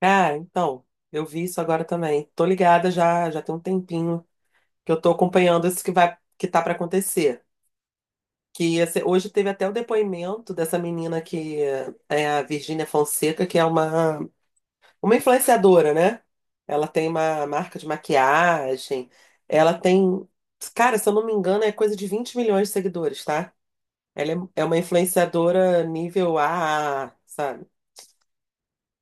Cara, então, eu vi isso agora também. Tô ligada já, já tem um tempinho que eu tô acompanhando isso que vai, que tá pra acontecer. Hoje teve até o depoimento dessa menina que é a Virgínia Fonseca, que é uma influenciadora, né? Ela tem uma marca de maquiagem, ela tem, cara, se eu não me engano, é coisa de 20 milhões de seguidores, tá? Ela é uma influenciadora nível a, A, sabe?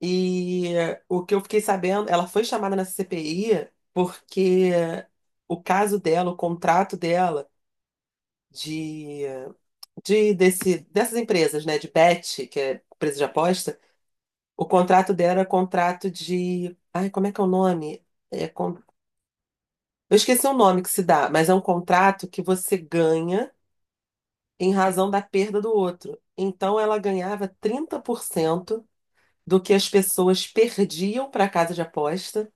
E o que eu fiquei sabendo, ela foi chamada nessa CPI porque o caso dela, o contrato dela de, de dessas empresas, né, de bet, que é empresa de aposta, o contrato dela era contrato de, ai, como é que é o nome? É, con- eu esqueci o nome que se dá, mas é um contrato que você ganha em razão da perda do outro. Então ela ganhava 30% do que as pessoas perdiam para a casa de aposta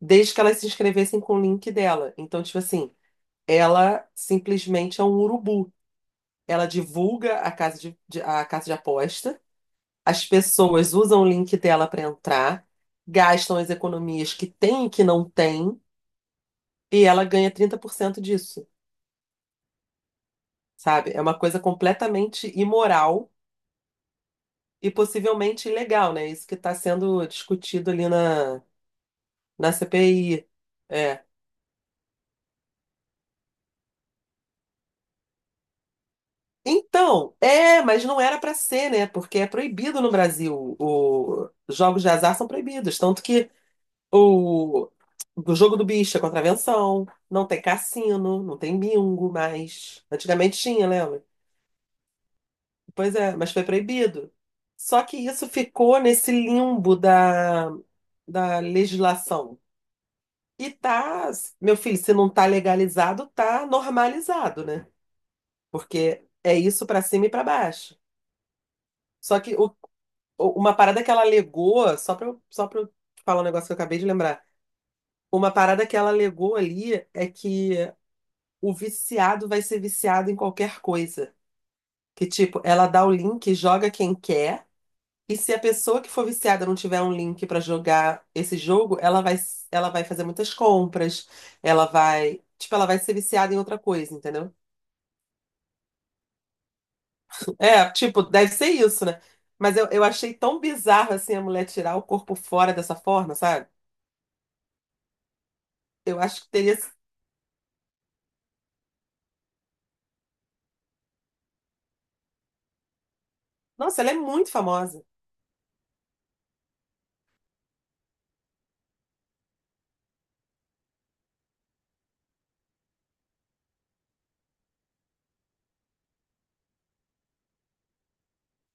desde que elas se inscrevessem com o link dela. Então, tipo assim, ela simplesmente é um urubu. Ela divulga a casa de aposta, as pessoas usam o link dela para entrar, gastam as economias que tem e que não tem, e ela ganha 30% disso, sabe? É uma coisa completamente imoral e possivelmente ilegal, né? Isso que está sendo discutido na CPI. Então, é, mas não era pra ser, né? Porque é proibido no Brasil. Os jogos de azar são proibidos. Tanto que o, o jogo do bicho é contravenção, não tem cassino, não tem bingo mais. Antigamente tinha, lembra? Pois é, mas foi proibido. Só que isso ficou nesse limbo da legislação. E tá, meu filho, se não tá legalizado, tá normalizado, né? Porque é isso pra cima e pra baixo. Só que o Uma parada que ela alegou, só pra eu falar um negócio que eu acabei de lembrar. Uma parada que ela alegou ali é que o viciado vai ser viciado em qualquer coisa. Que, tipo, ela dá o link, joga quem quer, e se a pessoa que for viciada não tiver um link pra jogar esse jogo, ela vai fazer muitas compras, ela vai. Tipo, ela vai ser viciada em outra coisa, entendeu? É, tipo, deve ser isso, né? Mas eu achei tão bizarro assim a mulher tirar o corpo fora dessa forma, sabe? Eu acho que teria. Nossa, ela é muito famosa.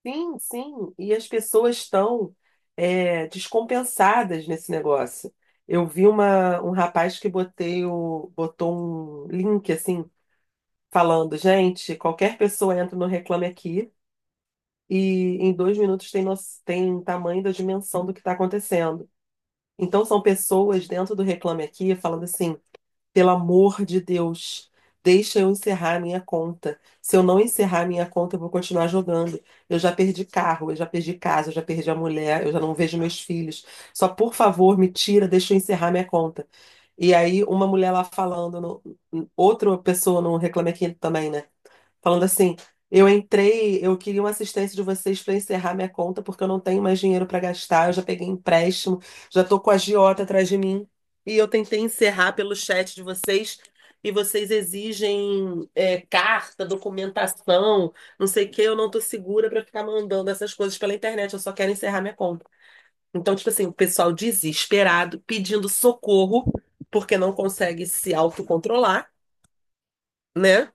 Sim, sim. E as pessoas estão é, descompensadas nesse negócio. Eu vi um rapaz que botou um link assim, falando, gente, qualquer pessoa entra no Reclame Aqui e em 2 minutos tem, no, tem tamanho da dimensão do que está acontecendo. Então são pessoas dentro do Reclame Aqui falando assim. Pelo amor de Deus, deixa eu encerrar a minha conta. Se eu não encerrar a minha conta, eu vou continuar jogando. Eu já perdi carro, eu já perdi casa, eu já perdi a mulher, eu já não vejo meus filhos. Só por favor, me tira, deixa eu encerrar minha conta. E aí, uma mulher lá falando, no- outra pessoa no Reclame Aqui também, né? Falando assim, eu entrei, eu queria uma assistência de vocês para encerrar minha conta, porque eu não tenho mais dinheiro para gastar, eu já peguei empréstimo, já tô com a agiota atrás de mim. E eu tentei encerrar pelo chat de vocês, e vocês exigem é, carta, documentação, não sei o que, eu não tô segura para ficar mandando essas coisas pela internet, eu só quero encerrar minha conta. Então, tipo assim, o pessoal desesperado, pedindo socorro, porque não consegue se autocontrolar, né?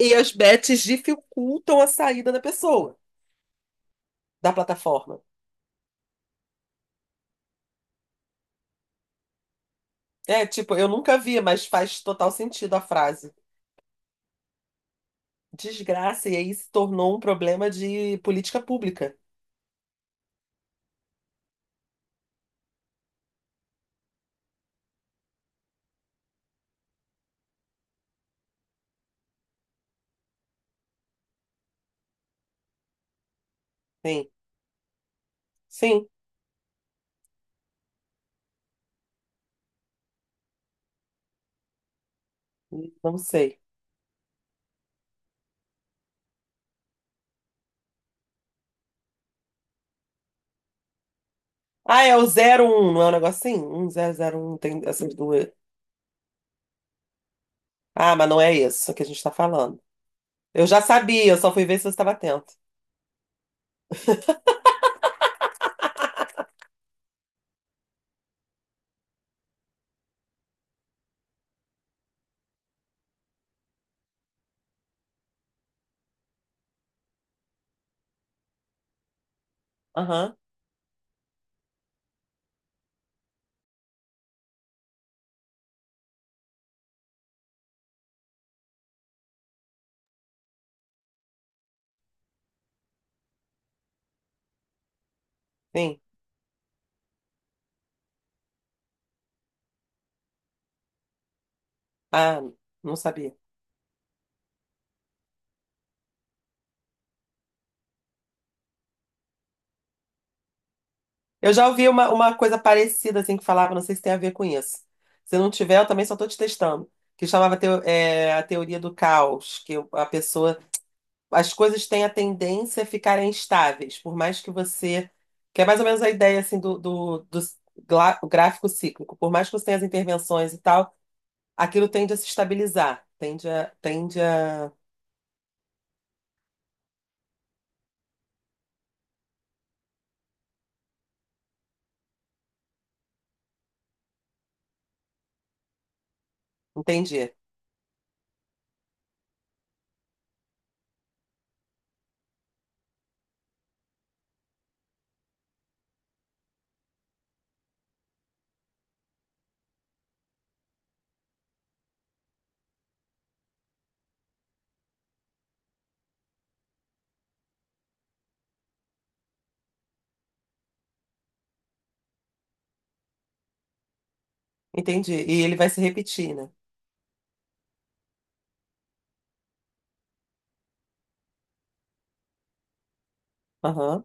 E as bets dificultam a saída da pessoa da plataforma. É, tipo, eu nunca vi, mas faz total sentido a frase. Desgraça, e aí se tornou um problema de política pública. Sim, sim, não sei. Ah, é o zero um. Não é um negocinho? Um zero zero um tem essas duas. Ah, mas não é isso que a gente tá falando. Eu já sabia, eu só fui ver se você estava atento. Aham, sim. Ah, não sabia. Eu já ouvi uma coisa parecida, assim, que falava, não sei se tem a ver com isso. Se não tiver, eu também só estou te testando. Que chamava a teoria do caos, que a pessoa... As coisas têm a tendência a ficarem estáveis, por mais que você... Que é mais ou menos a ideia, assim, o gráfico cíclico. Por mais que você tenha as intervenções e tal, aquilo tende a se estabilizar. Tende a... Tende a... Entendi. Entendi. E ele vai se repetir, né? Aham.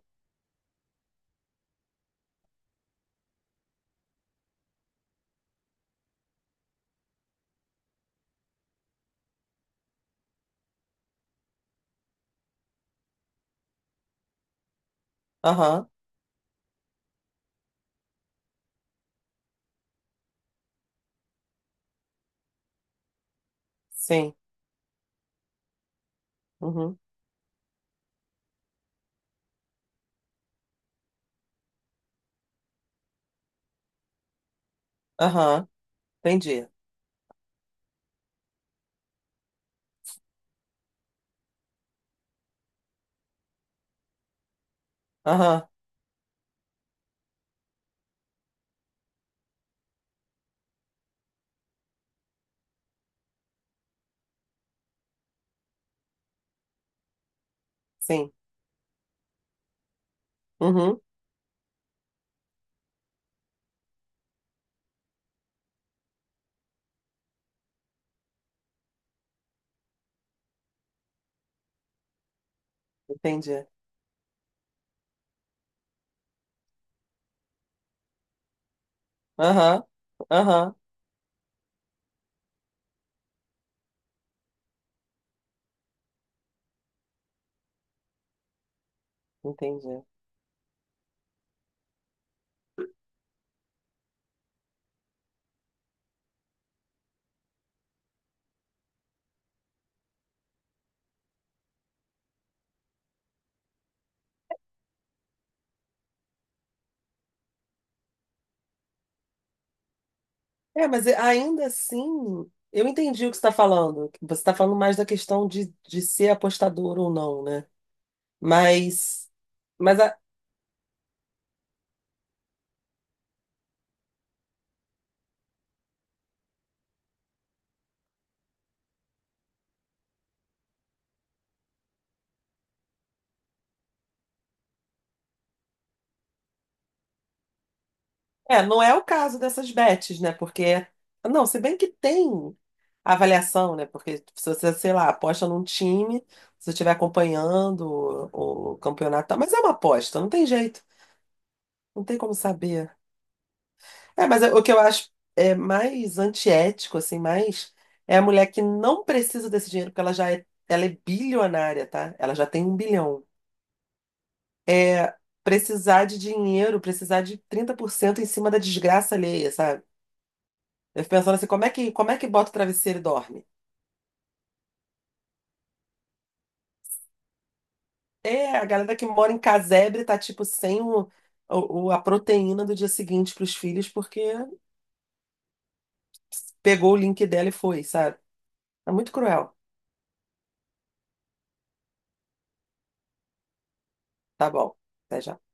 Aham. Sim. Uhum. Aham. Entendi. Aham. Sim. Uhum. Entendi. Aham. Aham. Entendi. Ainda assim, eu entendi o que você está falando. Você está falando mais da questão de ser apostador ou não, né? Mas, mas a- não é o caso dessas bets, né? Porque, não, se bem que tem avaliação, né? Porque se você, sei lá, aposta num time, se você estiver acompanhando o campeonato, e tal, mas é uma aposta, não tem jeito. Não tem como saber. O que eu acho é mais antiético, assim, mais é a mulher que não precisa desse dinheiro, porque ela é bilionária, tá? Ela já tem um bilhão. É precisar de dinheiro, precisar de 30% em cima da desgraça alheia, sabe? Eu fico pensando assim, como é que bota o travesseiro e dorme? É, a galera que mora em casebre tá, tipo, sem a proteína do dia seguinte pros filhos, porque pegou o link dela e foi, sabe? É muito cruel. Tá bom. Até já.